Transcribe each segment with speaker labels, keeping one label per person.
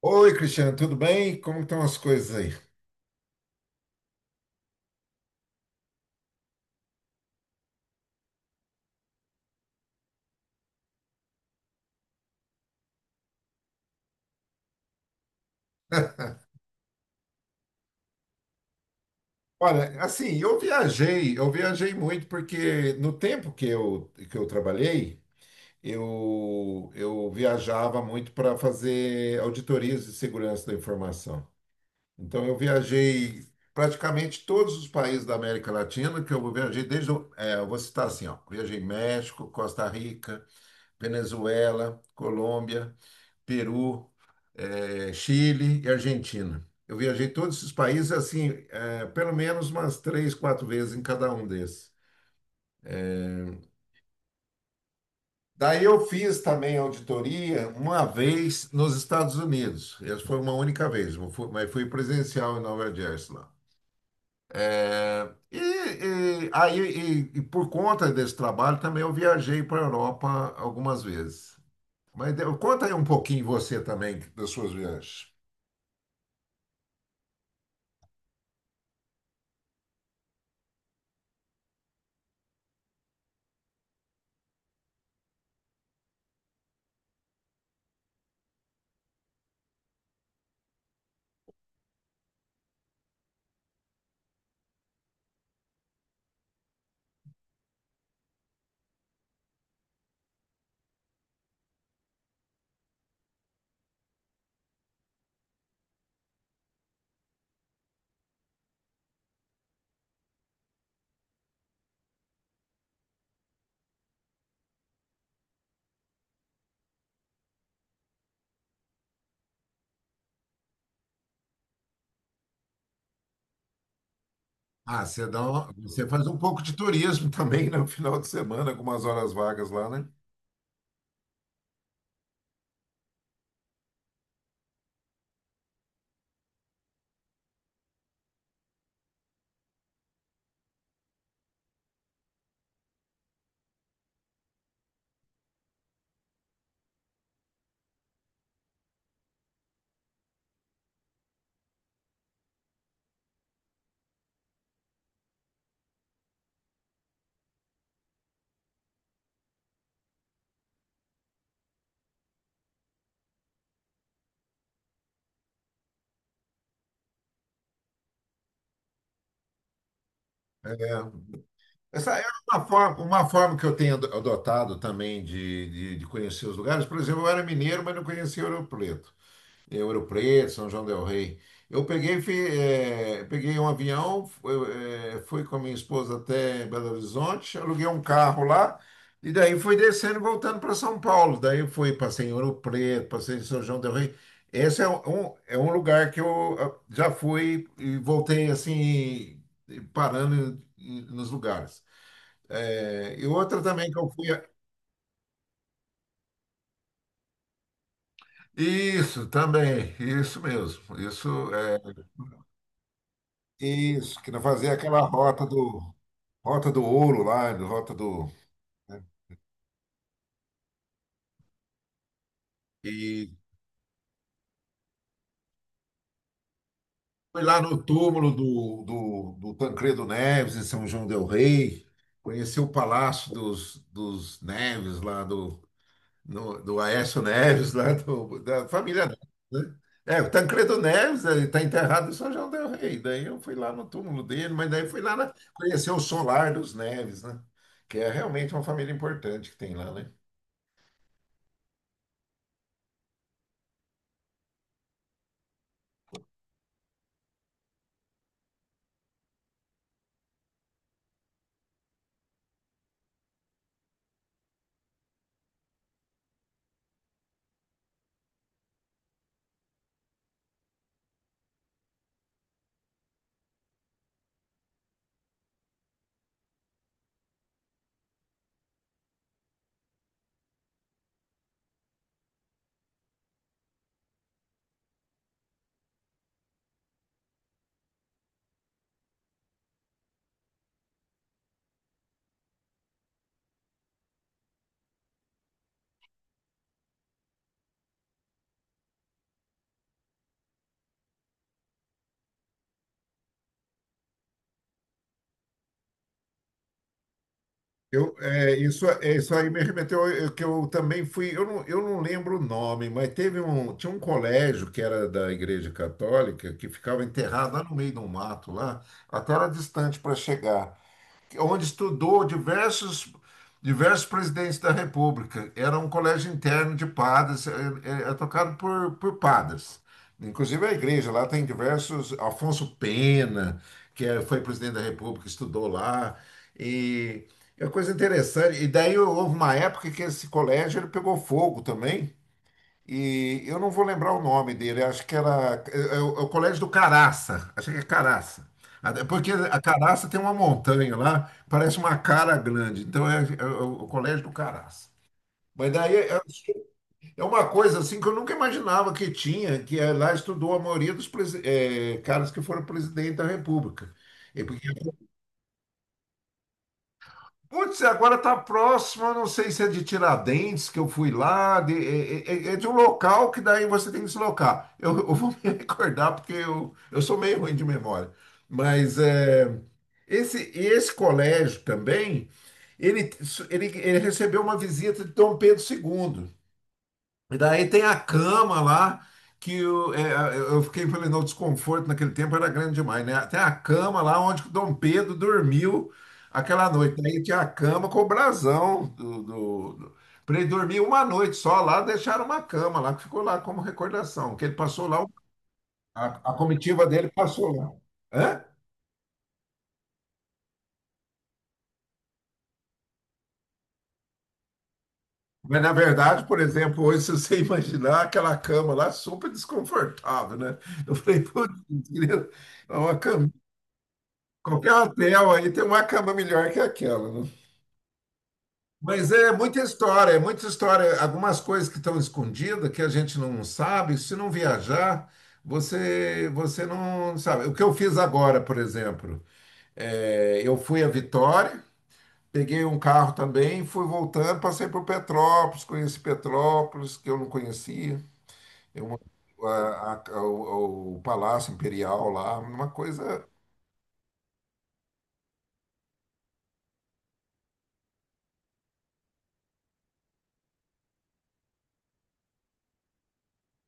Speaker 1: Oi, Cristiano, tudo bem? Como estão as coisas aí? Olha, assim, eu viajei muito porque no tempo que eu trabalhei, eu viajava muito para fazer auditorias de segurança da informação. Então, eu viajei praticamente todos os países da América Latina, que eu viajei desde, eu vou citar assim, ó, viajei México, Costa Rica, Venezuela, Colômbia, Peru, Chile e Argentina. Eu viajei todos esses países, assim, pelo menos umas três, quatro vezes em cada um desses. Daí eu fiz também auditoria uma vez nos Estados Unidos. Essa foi uma única vez, mas fui presencial em Nova Jersey lá. Eh, e, e- aí, e por conta desse trabalho também eu viajei para a Europa algumas vezes. Mas conta aí um pouquinho você também das suas viagens. Ah, você você faz um pouco de turismo também né, no final de semana, com umas horas vagas lá, né? É, essa é uma forma que eu tenho adotado também de conhecer os lugares. Por exemplo, eu era mineiro, mas não conhecia Ouro Preto. Ouro Preto, São João del Rei. Eu peguei, fi- eh, peguei um avião, fui com a minha esposa até Belo Horizonte, aluguei um carro lá, e daí fui descendo e voltando para São Paulo. Daí eu fui, passei em Ouro Preto, passei em São João del Rei. Esse é um lugar que eu ah, já fui e voltei assim, e parando em nos lugares. E outra também que eu fui. Isso, também, isso mesmo. Isso é. Isso, que fazer aquela rota do ouro lá, do- rota do né? E foi lá no túmulo do Tancredo Neves em São João del Rei, conheceu o Palácio dos Neves lá do no- do Aécio Neves lá do- da família Neves, né? É, o Tancredo Neves, ele está enterrado em São João del Rei. Daí eu fui lá no túmulo dele, mas daí fui lá conhecer o solar dos Neves, né? Que é realmente uma família importante que tem lá, né? Eu, é, isso, é, Isso aí me remeteu que eu também fui. Eu não lembro o nome, mas tinha um colégio que era da Igreja Católica que ficava enterrado lá no meio do mato, lá, até era distante para chegar onde estudou diversos, diversos presidentes da República. Era um colégio interno de padres, tocado por padres. Inclusive a igreja lá tem diversos. Afonso Pena, que foi presidente da República, estudou lá. E é uma coisa interessante. E daí houve uma época que esse colégio ele pegou fogo também. E eu não vou lembrar o nome dele, acho que era o Colégio do Caraça, acho que é Caraça. Até porque a Caraça tem uma montanha lá, parece uma cara grande, então é o Colégio do Caraça. Mas daí é uma coisa assim que eu nunca imaginava que tinha, lá estudou a maioria dos caras que foram presidente da República. É porque putz, agora tá próximo, eu não sei se é de Tiradentes, que eu fui lá, é de um local que daí você tem que deslocar. Eu vou me recordar porque eu sou meio ruim de memória. Mas é, esse colégio também, ele, ele recebeu uma visita de Dom Pedro II. E daí tem a cama lá, que eu, é, eu fiquei falei, não, o desconforto naquele tempo era grande demais, né? Tem a cama lá onde que o Dom Pedro dormiu aquela noite. Aí tinha a cama com o brasão pra ele dormir uma noite só lá, deixaram uma cama lá, que ficou lá como recordação, que ele passou lá, a, a comitiva dele passou lá. Hã? Mas na verdade, por exemplo, hoje, se você imaginar aquela cama lá, super desconfortável, né? Eu falei, putz, queria uma cama. Qualquer hotel aí tem uma cama melhor que aquela, né? Mas é muita história, é muita história. Algumas coisas que estão escondidas, que a gente não sabe, se não viajar, você não sabe. O que eu fiz agora, por exemplo, é, eu fui a Vitória, peguei um carro também, fui voltando, passei por Petrópolis, conheci Petrópolis, que eu não conhecia. Eu, o Palácio Imperial lá, uma coisa.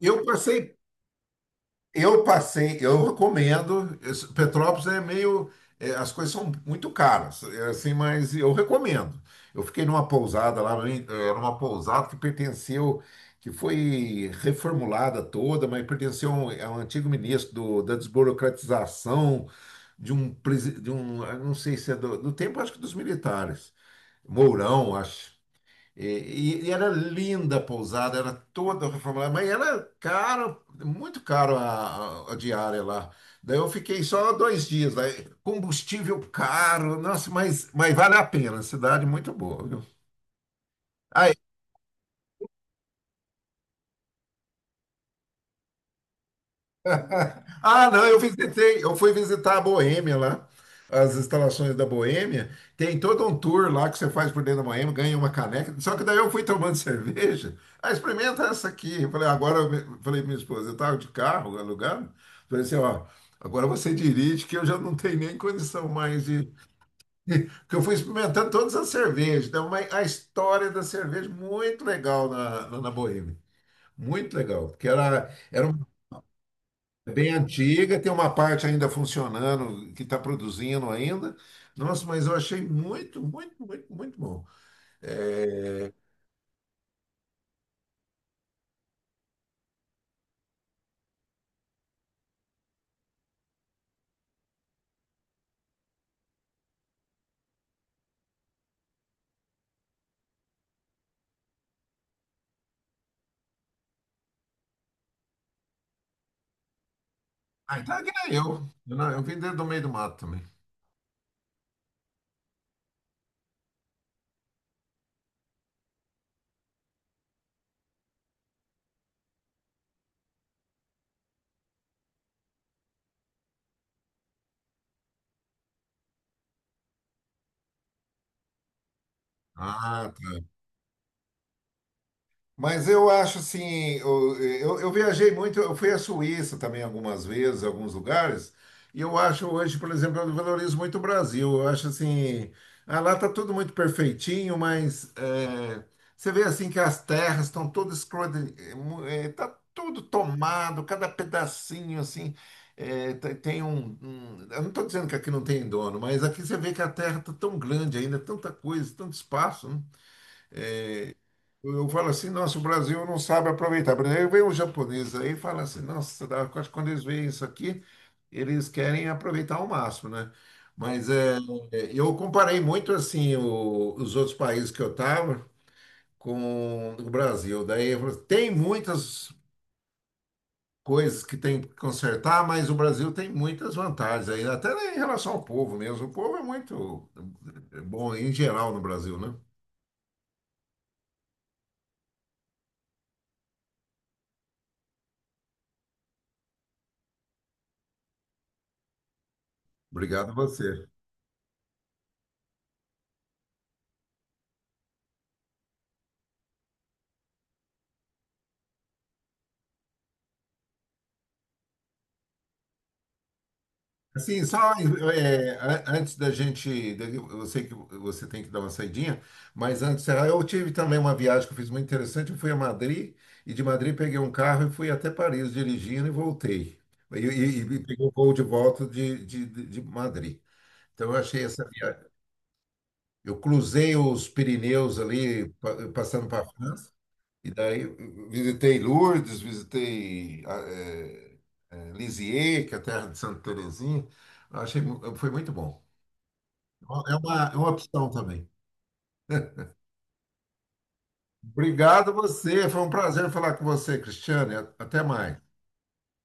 Speaker 1: Eu passei eu recomendo. Petrópolis é meio, é, as coisas são muito caras, é assim, mas eu recomendo. Eu fiquei numa pousada lá, era uma pousada que pertenceu, que foi reformulada toda, mas pertenceu a um antigo ministro do- da desburocratização de um, de um, eu não sei se é do tempo, acho que dos militares, Mourão, acho. E, era linda a pousada, era toda reformulada, mas era caro, muito caro a, a diária lá. Daí eu fiquei só dois dias, daí combustível caro, nossa, mas vale a pena, cidade muito boa, viu? Ah, ah, não, eu visitei, eu fui visitar a Boêmia lá, as instalações da Boêmia. Tem todo um tour lá que você faz por dentro da Boêmia, ganha uma caneca. Só que daí eu fui tomando cerveja. Ah, experimenta essa aqui. Eu falei, agora, eu falei pra minha esposa, eu estava de carro alugado. Falei assim, ó, agora você dirige que eu já não tenho nem condição mais de. Porque eu fui experimentando todas as cervejas. Então, a história da cerveja, muito legal na Boêmia. Muito legal, porque era é bem antiga, tem uma parte ainda funcionando, que está produzindo ainda. Nossa, mas eu achei muito, muito, muito, muito bom. Ah, então é que nem eu. Eu, eu vim dentro do meio do mato também. Ah, mas eu acho assim, eu viajei muito, eu fui à Suíça também algumas vezes, alguns lugares, e eu acho hoje, por exemplo, eu valorizo muito o Brasil. Eu acho assim, ah, lá está tudo muito perfeitinho, mas é, você vê assim que as terras estão todas escrotas, está tudo tomado, cada pedacinho assim. É, tem um, eu não estou dizendo que aqui não tem dono, mas aqui você vê que a terra está tão grande ainda, tanta coisa, tanto espaço, né? Eu falo assim, nossa, o Brasil não sabe aproveitar. Por exemplo, vem um japonês aí e fala assim, nossa, eu acho que quando eles veem isso aqui, eles querem aproveitar ao máximo, né? Mas é, é, eu comparei muito assim os outros países que eu estava com o Brasil. Daí eu falo, tem muitas coisas que tem que consertar, mas o Brasil tem muitas vantagens aí, até em relação ao povo mesmo. O povo é muito é bom em geral no Brasil, né? Obrigado a você. Assim, só antes da gente, eu sei que você tem que dar uma saidinha, mas antes, ah, eu tive também uma viagem que eu fiz muito interessante. Eu fui a Madrid e de Madrid peguei um carro e fui até Paris dirigindo e voltei. E, peguei o voo de volta de Madrid. Então eu achei essa viagem. Eu cruzei os Pirineus ali, passando para a França. E daí visitei Lourdes, visitei Lisieux, que é a terra de Santa Terezinha. Eu achei, foi muito bom. É uma opção também. Obrigado a você. Foi um prazer falar com você, Cristiane. Até mais.